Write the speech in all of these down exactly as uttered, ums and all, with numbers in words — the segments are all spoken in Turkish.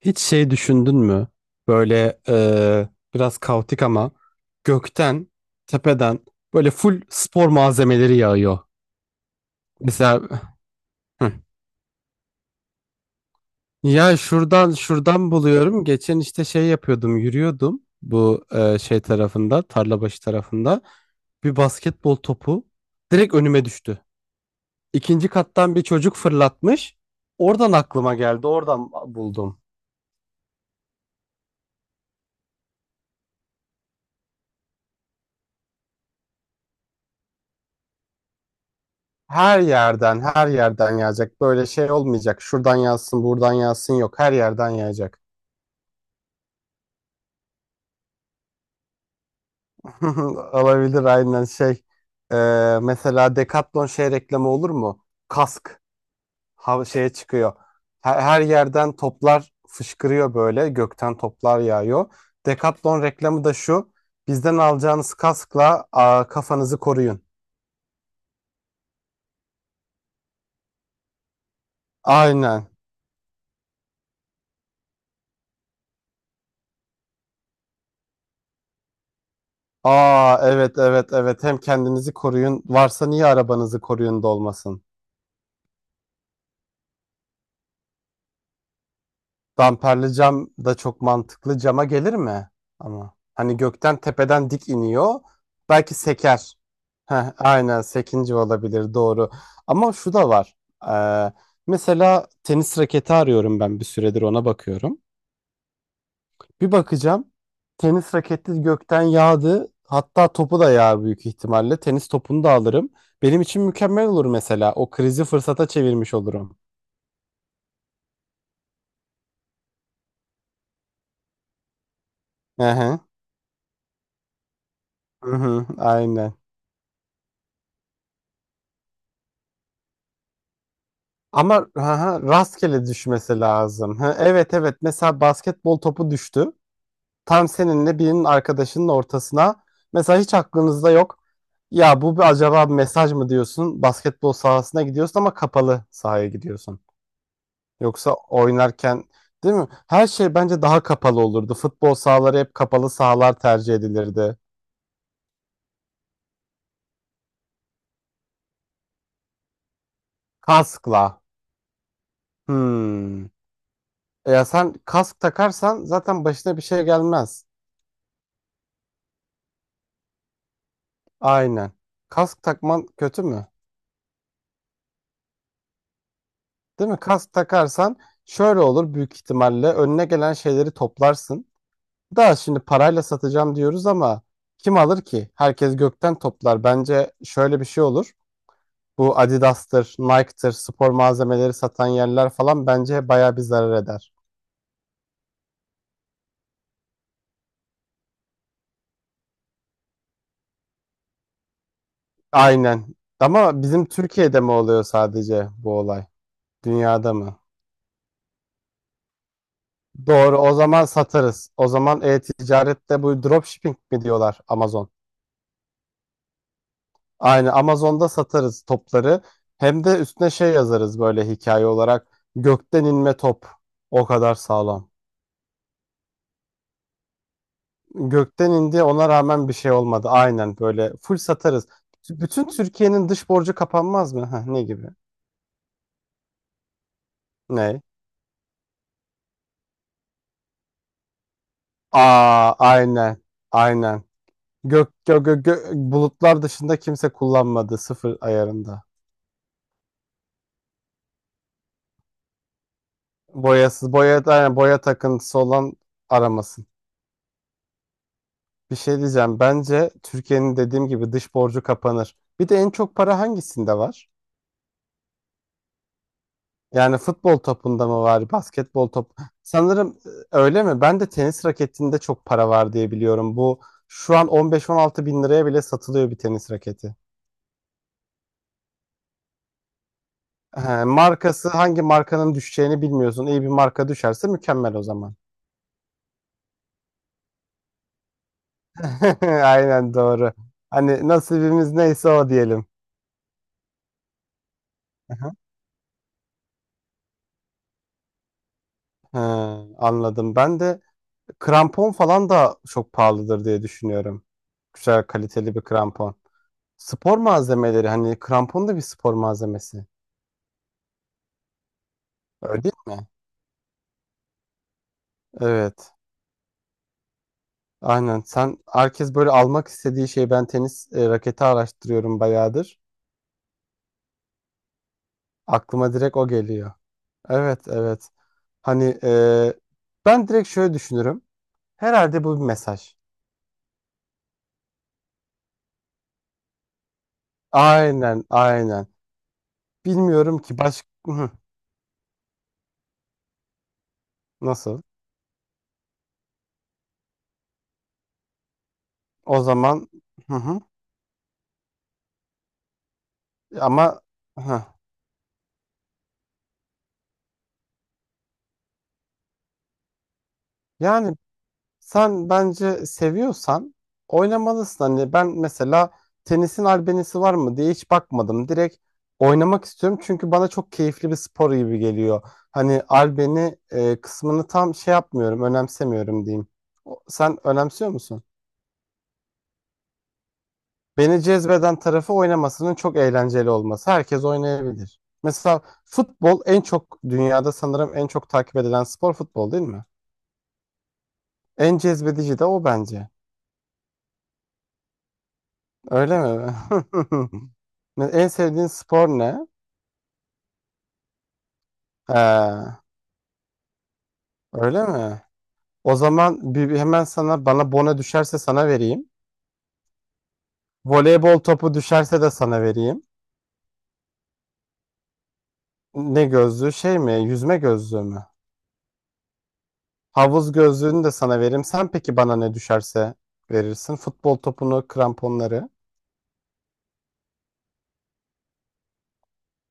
Hiç şey düşündün mü? Böyle e, biraz kaotik ama gökten, tepeden böyle full spor malzemeleri yağıyor. Mesela hı. Ya şuradan şuradan buluyorum. Geçen işte şey yapıyordum, yürüyordum bu e, şey tarafında, Tarlabaşı tarafında. Bir basketbol topu direkt önüme düştü. İkinci kattan bir çocuk fırlatmış. Oradan aklıma geldi, oradan buldum. Her yerden, her yerden yağacak. Böyle şey olmayacak. Şuradan yağsın, buradan yağsın yok. Her yerden yağacak. Olabilir aynen şey. Ee, mesela Decathlon şey reklamı olur mu? Kask hava şeye çıkıyor. Her, her yerden toplar fışkırıyor böyle. Gökten toplar yağıyor. Decathlon reklamı da şu. Bizden alacağınız kaskla aa, kafanızı koruyun. Aynen. Aa, evet evet evet. Hem kendinizi koruyun. Varsa niye arabanızı koruyun da olmasın? Damperli cam da çok mantıklı. Cama gelir mi? Ama hani gökten tepeden dik iniyor. Belki seker. Heh, aynen sekinci olabilir doğru. Ama şu da var. Ee, Mesela tenis raketi arıyorum, ben bir süredir ona bakıyorum. Bir bakacağım, tenis raketi gökten yağdı. Hatta topu da yağar büyük ihtimalle. Tenis topunu da alırım. Benim için mükemmel olur mesela. O krizi fırsata çevirmiş olurum. Hı hı. Hı hı, aynen. Ama ha, ha, rastgele düşmesi lazım. Ha, evet evet mesela basketbol topu düştü. Tam seninle birinin arkadaşının ortasına. Mesela hiç aklınızda yok. Ya bu bir, acaba bir mesaj mı diyorsun? Basketbol sahasına gidiyorsun ama kapalı sahaya gidiyorsun. Yoksa oynarken değil mi? Her şey bence daha kapalı olurdu. Futbol sahaları hep kapalı sahalar tercih edilirdi. Kaskla. Hmm. E ya sen kask takarsan zaten başına bir şey gelmez. Aynen. Kask takman kötü mü? Değil mi? Kask takarsan şöyle olur, büyük ihtimalle önüne gelen şeyleri toplarsın. Daha şimdi parayla satacağım diyoruz ama kim alır ki? Herkes gökten toplar. Bence şöyle bir şey olur. Bu Adidas'tır, Nike'tır, spor malzemeleri satan yerler falan bence bayağı bir zarar eder. Aynen. Ama bizim Türkiye'de mi oluyor sadece bu olay? Dünyada mı? Doğru. O zaman satarız. O zaman e-ticarette bu dropshipping mi diyorlar, Amazon? Aynı Amazon'da satarız topları. Hem de üstüne şey yazarız, böyle hikaye olarak. Gökten inme top. O kadar sağlam. Gökten indi, ona rağmen bir şey olmadı. Aynen böyle full satarız. T- Bütün Türkiye'nin dış borcu kapanmaz mı? Heh, ne gibi? Ne? Aa aynen. Aynen. Gök, gö, gö, gö- Bulutlar dışında kimse kullanmadı, sıfır ayarında. Boyasız boya, aynen, boya takıntısı olan aramasın. Bir şey diyeceğim. Bence Türkiye'nin, dediğim gibi, dış borcu kapanır. Bir de en çok para hangisinde var? Yani futbol topunda mı var, basketbol top? Sanırım e, öyle mi? Ben de tenis raketinde çok para var diye biliyorum. Bu şu an on beş on altı bin liraya bile satılıyor bir tenis raketi. He, markası, hangi markanın düşeceğini bilmiyorsun. İyi bir marka düşerse mükemmel o zaman. Aynen doğru. Hani nasibimiz neyse o diyelim. Hı hı. He, anladım. Ben de krampon falan da çok pahalıdır diye düşünüyorum. Güzel kaliteli bir krampon. Spor malzemeleri, hani krampon da bir spor malzemesi. Öyle değil mi? Evet. Aynen. Sen, herkes böyle almak istediği şey, ben tenis e, raketi araştırıyorum bayağıdır. Aklıma direkt o geliyor. Evet, evet. Hani e, ben direkt şöyle düşünürüm. Herhalde bu bir mesaj. Aynen, aynen. Bilmiyorum ki başka nasıl. O zaman hı hı. Ama Yani sen bence seviyorsan oynamalısın. Hani ben mesela tenisin albenisi var mı diye hiç bakmadım. Direkt oynamak istiyorum çünkü bana çok keyifli bir spor gibi geliyor. Hani albeni e, kısmını tam şey yapmıyorum, önemsemiyorum diyeyim. O- Sen önemsiyor musun? Beni cezbeden tarafı oynamasının çok eğlenceli olması. Herkes oynayabilir. Mesela futbol, en çok dünyada sanırım en çok takip edilen spor futbol, değil mi? En cezbedici de o bence. Öyle mi? Ne- En sevdiğin spor ne? Ha, öyle mi? O zaman bir, bir hemen, sana bana bona düşerse sana vereyim. Voleybol topu düşerse de sana vereyim. Ne gözlüğü, şey mi? Yüzme gözlüğü mü? Havuz gözlüğünü de sana veririm. Sen peki bana ne düşerse verirsin? Futbol topunu, kramponları.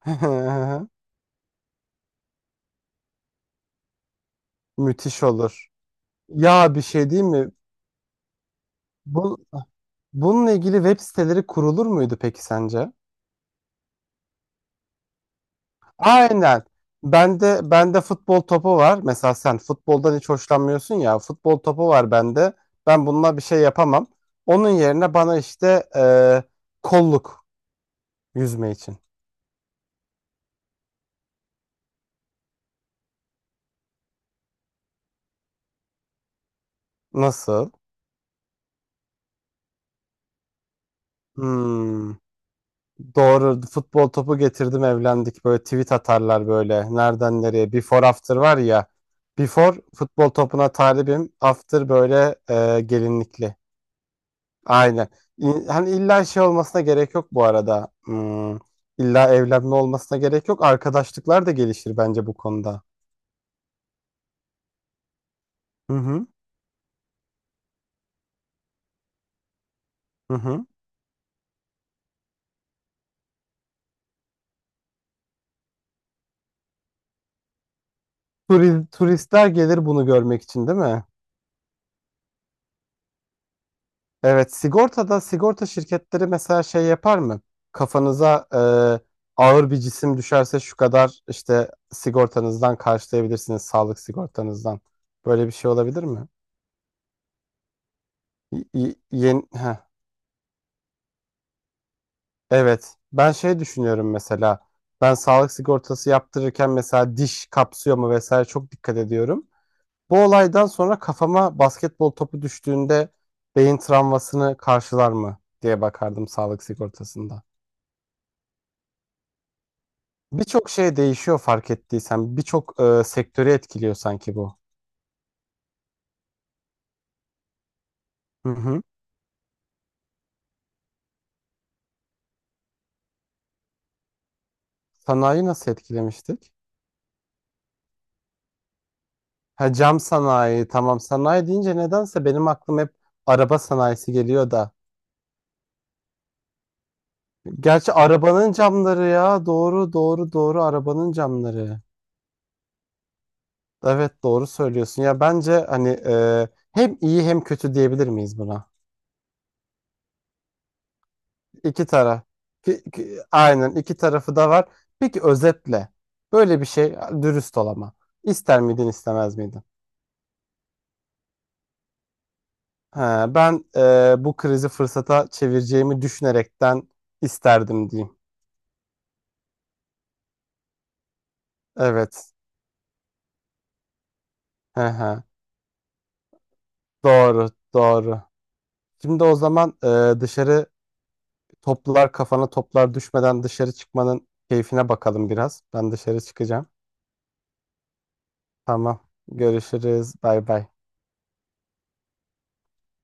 Müthiş olur. Ya bir şey, değil mi? Bu, Bununla ilgili web siteleri kurulur muydu peki sence? Aynen. Bende bende futbol topu var. Mesela sen futboldan hiç hoşlanmıyorsun ya. Futbol topu var bende. Ben bununla bir şey yapamam. Onun yerine bana işte eee, kolluk, yüzme için. Nasıl? Hmm, doğru. Futbol topu getirdim, evlendik. Böyle tweet atarlar böyle. Nereden nereye? Before after var ya. Before futbol topuna talibim. After böyle eee, gelinlikli. Aynen. İ- Hani illa şey olmasına gerek yok bu arada. Hmm, illa evlenme olmasına gerek yok. Arkadaşlıklar da gelişir bence bu konuda. Hı hı. Hı hı. Turi- turistler gelir bunu görmek için, değil mi? Evet, sigortada, sigorta şirketleri mesela şey yapar mı? Kafanıza e, ağır bir cisim düşerse şu kadar işte sigortanızdan karşılayabilirsiniz, sağlık sigortanızdan. Böyle bir şey olabilir mi? Y- y- yeni, Evet. Ben şey düşünüyorum mesela. Ben sağlık sigortası yaptırırken mesela diş kapsıyor mu vesaire çok dikkat ediyorum. Bu olaydan sonra kafama basketbol topu düştüğünde beyin travmasını karşılar mı diye bakardım sağlık sigortasında. Birçok şey değişiyor, fark ettiysen. Birçok e, sektörü etkiliyor sanki bu. Hı hı. Sanayi nasıl etkilemiştik? Ha, cam sanayi, tamam. Sanayi deyince nedense benim aklım hep araba sanayisi geliyor da. Gerçi arabanın camları ya. Doğru, doğru, doğru, arabanın camları. Evet, doğru söylüyorsun. Ya bence hani e, hem iyi hem kötü diyebilir miyiz buna? İki taraf. Ki- ki- aynen, iki tarafı da var. Peki özetle, böyle bir şey, dürüst ol ama, İster miydin, istemez miydin? Ha, ben e, bu krizi fırsata çevireceğimi düşünerekten isterdim diyeyim. Evet. Hı hı. Doğru, doğru. Şimdi o zaman e, dışarı toplar, kafana toplar düşmeden dışarı çıkmanın keyfine bakalım biraz. Ben dışarı çıkacağım. Tamam. Görüşürüz. Bay bay.